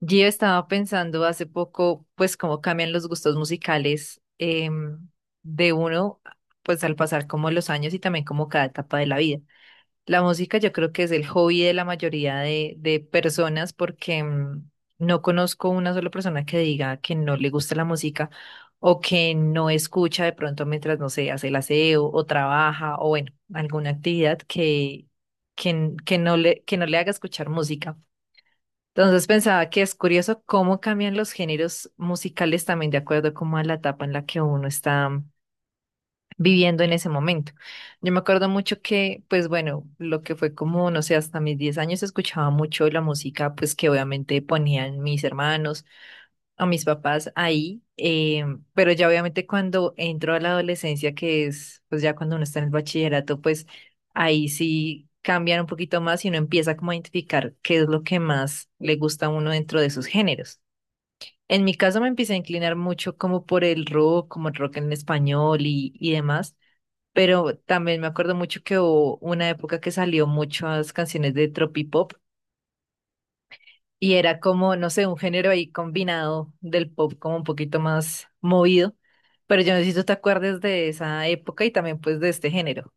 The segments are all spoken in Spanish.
Yo estaba pensando hace poco, pues, cómo cambian los gustos musicales de uno, pues, al pasar como los años y también como cada etapa de la vida. La música yo creo que es el hobby de la mayoría de personas porque no conozco una sola persona que diga que no le gusta la música o que no escucha de pronto mientras, no sé, hace el aseo o trabaja o bueno, alguna actividad que no le, que no le haga escuchar música. Entonces pensaba que es curioso cómo cambian los géneros musicales también de acuerdo como a la etapa en la que uno está viviendo en ese momento. Yo me acuerdo mucho que, pues bueno, lo que fue como, no sé, hasta mis 10 años escuchaba mucho la música, pues que obviamente ponían mis hermanos a mis papás ahí, pero ya obviamente cuando entro a la adolescencia, que es pues ya cuando uno está en el bachillerato, pues ahí sí cambian un poquito más y uno empieza como a identificar qué es lo que más le gusta a uno dentro de sus géneros. En mi caso me empecé a inclinar mucho como por el rock, como el rock en español y demás, pero también me acuerdo mucho que hubo una época que salió muchas canciones de tropipop y era como, no sé, un género ahí combinado del pop como un poquito más movido. Pero yo necesito te acuerdes de esa época y también pues de este género.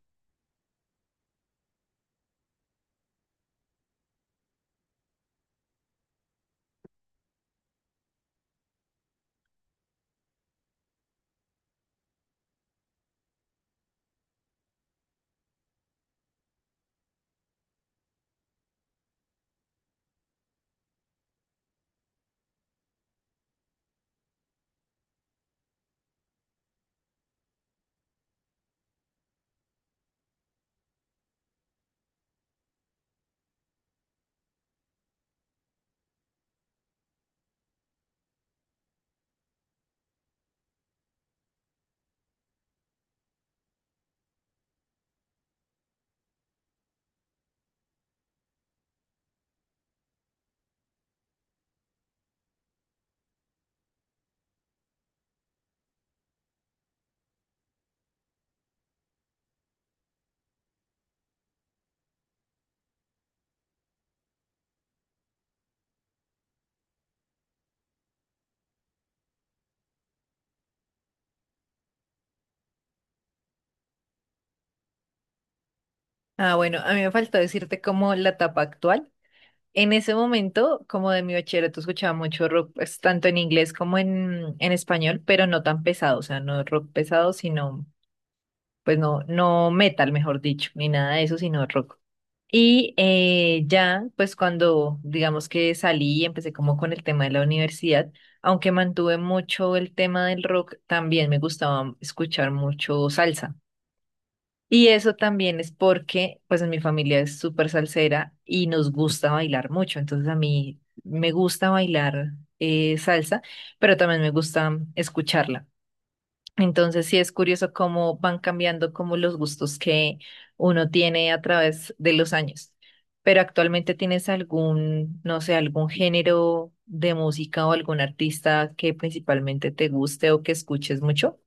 Ah, bueno, a mí me faltó decirte como la etapa actual. En ese momento, como de mi bachillerato, escuchaba mucho rock, pues, tanto en inglés como en español, pero no tan pesado, o sea, no rock pesado, sino, pues no, no metal, mejor dicho, ni nada de eso, sino rock. Y ya, pues cuando digamos que salí y empecé como con el tema de la universidad, aunque mantuve mucho el tema del rock, también me gustaba escuchar mucho salsa. Y eso también es porque, pues en mi familia es súper salsera y nos gusta bailar mucho. Entonces a mí me gusta bailar salsa, pero también me gusta escucharla. Entonces sí es curioso cómo van cambiando como los gustos que uno tiene a través de los años. Pero actualmente tienes algún, no sé, algún género de música o algún artista que principalmente te guste o que escuches mucho.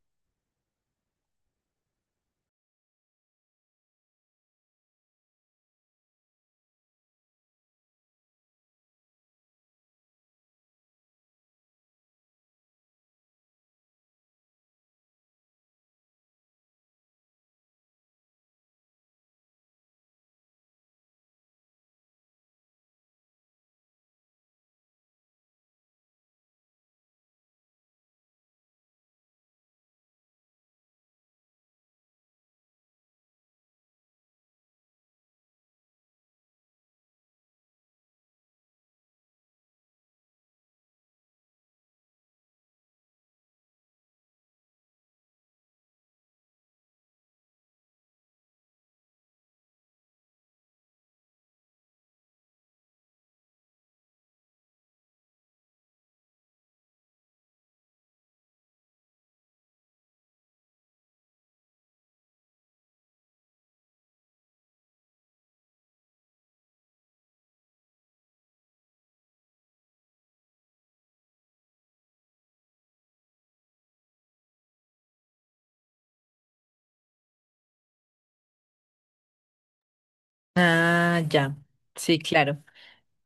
Ah, ya. Sí, claro.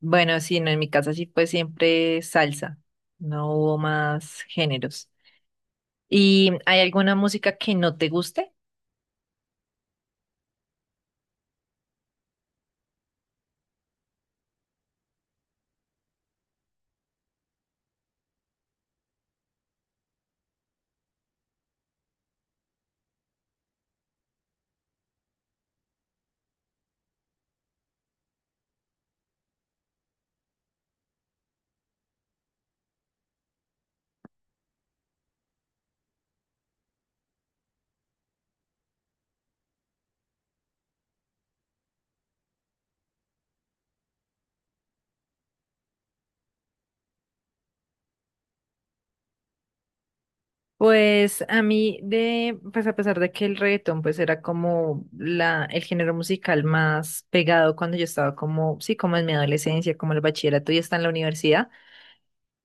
Bueno, sí, no, en mi casa sí fue siempre salsa. No hubo más géneros. ¿Y hay alguna música que no te guste? Pues a mí de, pues a pesar de que el reggaetón pues era como la, el género musical más pegado cuando yo estaba como, sí, como en mi adolescencia, como el bachillerato y hasta en la universidad.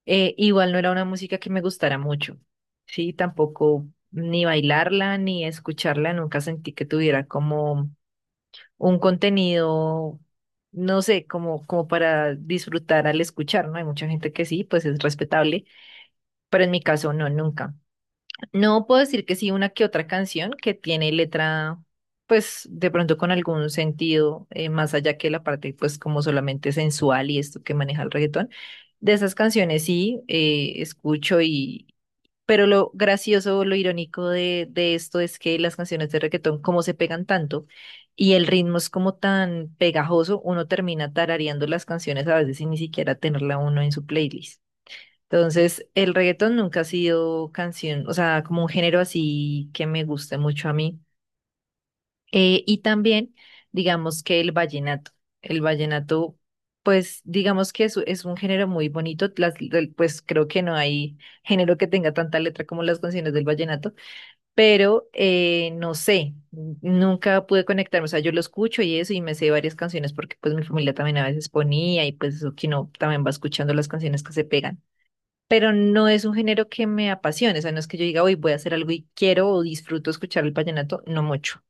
Igual no era una música que me gustara mucho, sí, tampoco ni bailarla ni escucharla, nunca sentí que tuviera como un contenido, no sé, como, como para disfrutar al escuchar, ¿no? Hay mucha gente que sí, pues es respetable, pero en mi caso no, nunca. No puedo decir que sí, una que otra canción que tiene letra, pues de pronto con algún sentido, más allá que la parte, pues como solamente sensual y esto que maneja el reggaetón. De esas canciones sí, escucho y... Pero lo gracioso, lo irónico de esto es que las canciones de reggaetón, como se pegan tanto y el ritmo es como tan pegajoso, uno termina tarareando las canciones a veces sin ni siquiera tenerla uno en su playlist. Entonces, el reggaetón nunca ha sido canción, o sea, como un género así que me guste mucho a mí. Y también, digamos que el vallenato. El vallenato, pues, digamos que es un género muy bonito. Las, del- pues creo que no hay género que tenga tanta letra como las canciones del vallenato, pero no sé, nunca pude conectarme. O sea, yo lo escucho y eso, y me sé varias canciones porque pues mi familia también a veces ponía y pues eso que no, también va escuchando las canciones que se pegan, pero no es un género que me apasione, o sea, no es que yo diga, hoy voy a hacer algo y quiero o disfruto escuchar el vallenato, no mucho.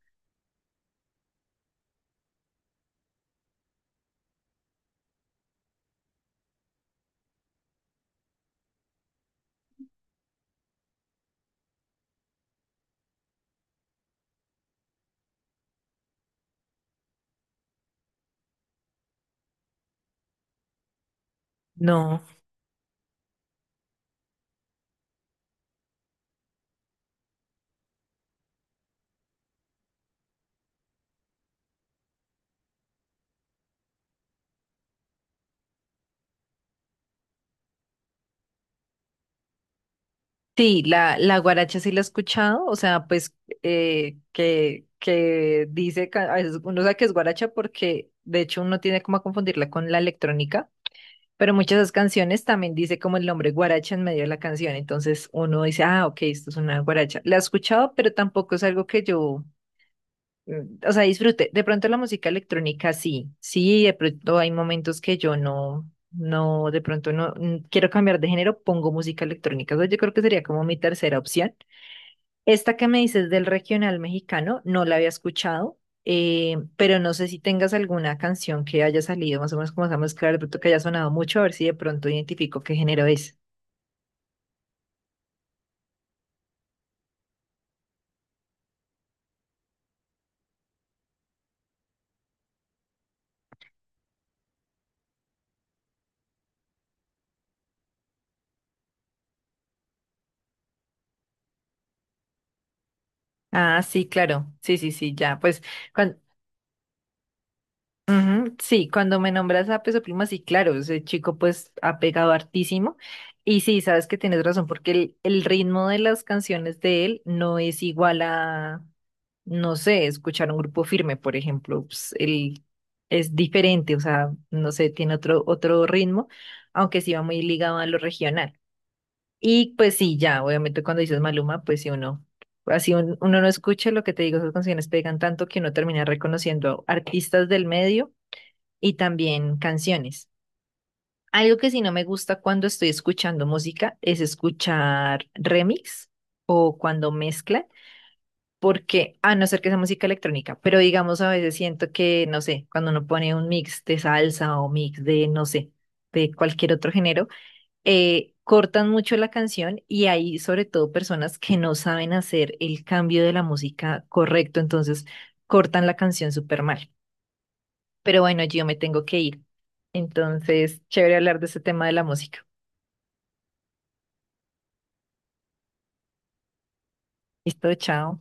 No. Sí, la guaracha sí la he escuchado, o sea, pues que dice, ca- a veces uno sabe que es guaracha porque de hecho uno tiene como a confundirla con la electrónica, pero muchas de esas canciones también dice como el nombre guaracha en medio de la canción, entonces uno dice, ah, ok, esto es una guaracha. La he escuchado, pero tampoco es algo que yo o sea, disfrute. De pronto la música electrónica sí, sí, de pronto hay momentos que yo no, no, de pronto no quiero cambiar de género, pongo música electrónica. O sea, yo creo que sería como mi tercera opción. Esta que me dices del regional mexicano, no la había escuchado, pero no sé si tengas alguna canción que haya salido más o menos como esa mezcla, de pronto que haya sonado mucho, a ver si de pronto identifico qué género es. Ah, sí, claro. Sí, sí, sí, ya. Pues, cuan- Ujú, sí, cuando me nombras a Peso Pluma, sí, claro, ese chico pues ha pegado hartísimo. Y sí, sabes que tienes razón, porque el ritmo de las canciones de él no es igual a, no sé, escuchar un grupo firme, por ejemplo, pues, él es diferente, o sea, no sé, tiene otro, otro ritmo, aunque sí va muy ligado a lo regional. Y pues sí, ya, obviamente cuando dices Maluma, pues sí uno, así un- uno no escucha lo que te digo, esas canciones pegan tanto que uno termina reconociendo artistas del medio y también canciones. Algo que sí no me gusta cuando estoy escuchando música es escuchar remix o cuando mezclan, porque a no ser que sea música electrónica, pero digamos a veces siento que, no sé, cuando uno pone un mix de salsa o mix de, no sé, de cualquier otro género, cortan mucho la canción y hay sobre todo personas que no saben hacer el cambio de la música correcto, entonces cortan la canción súper mal. Pero bueno, yo me tengo que ir. Entonces, chévere hablar de ese tema de la música. Listo, chao.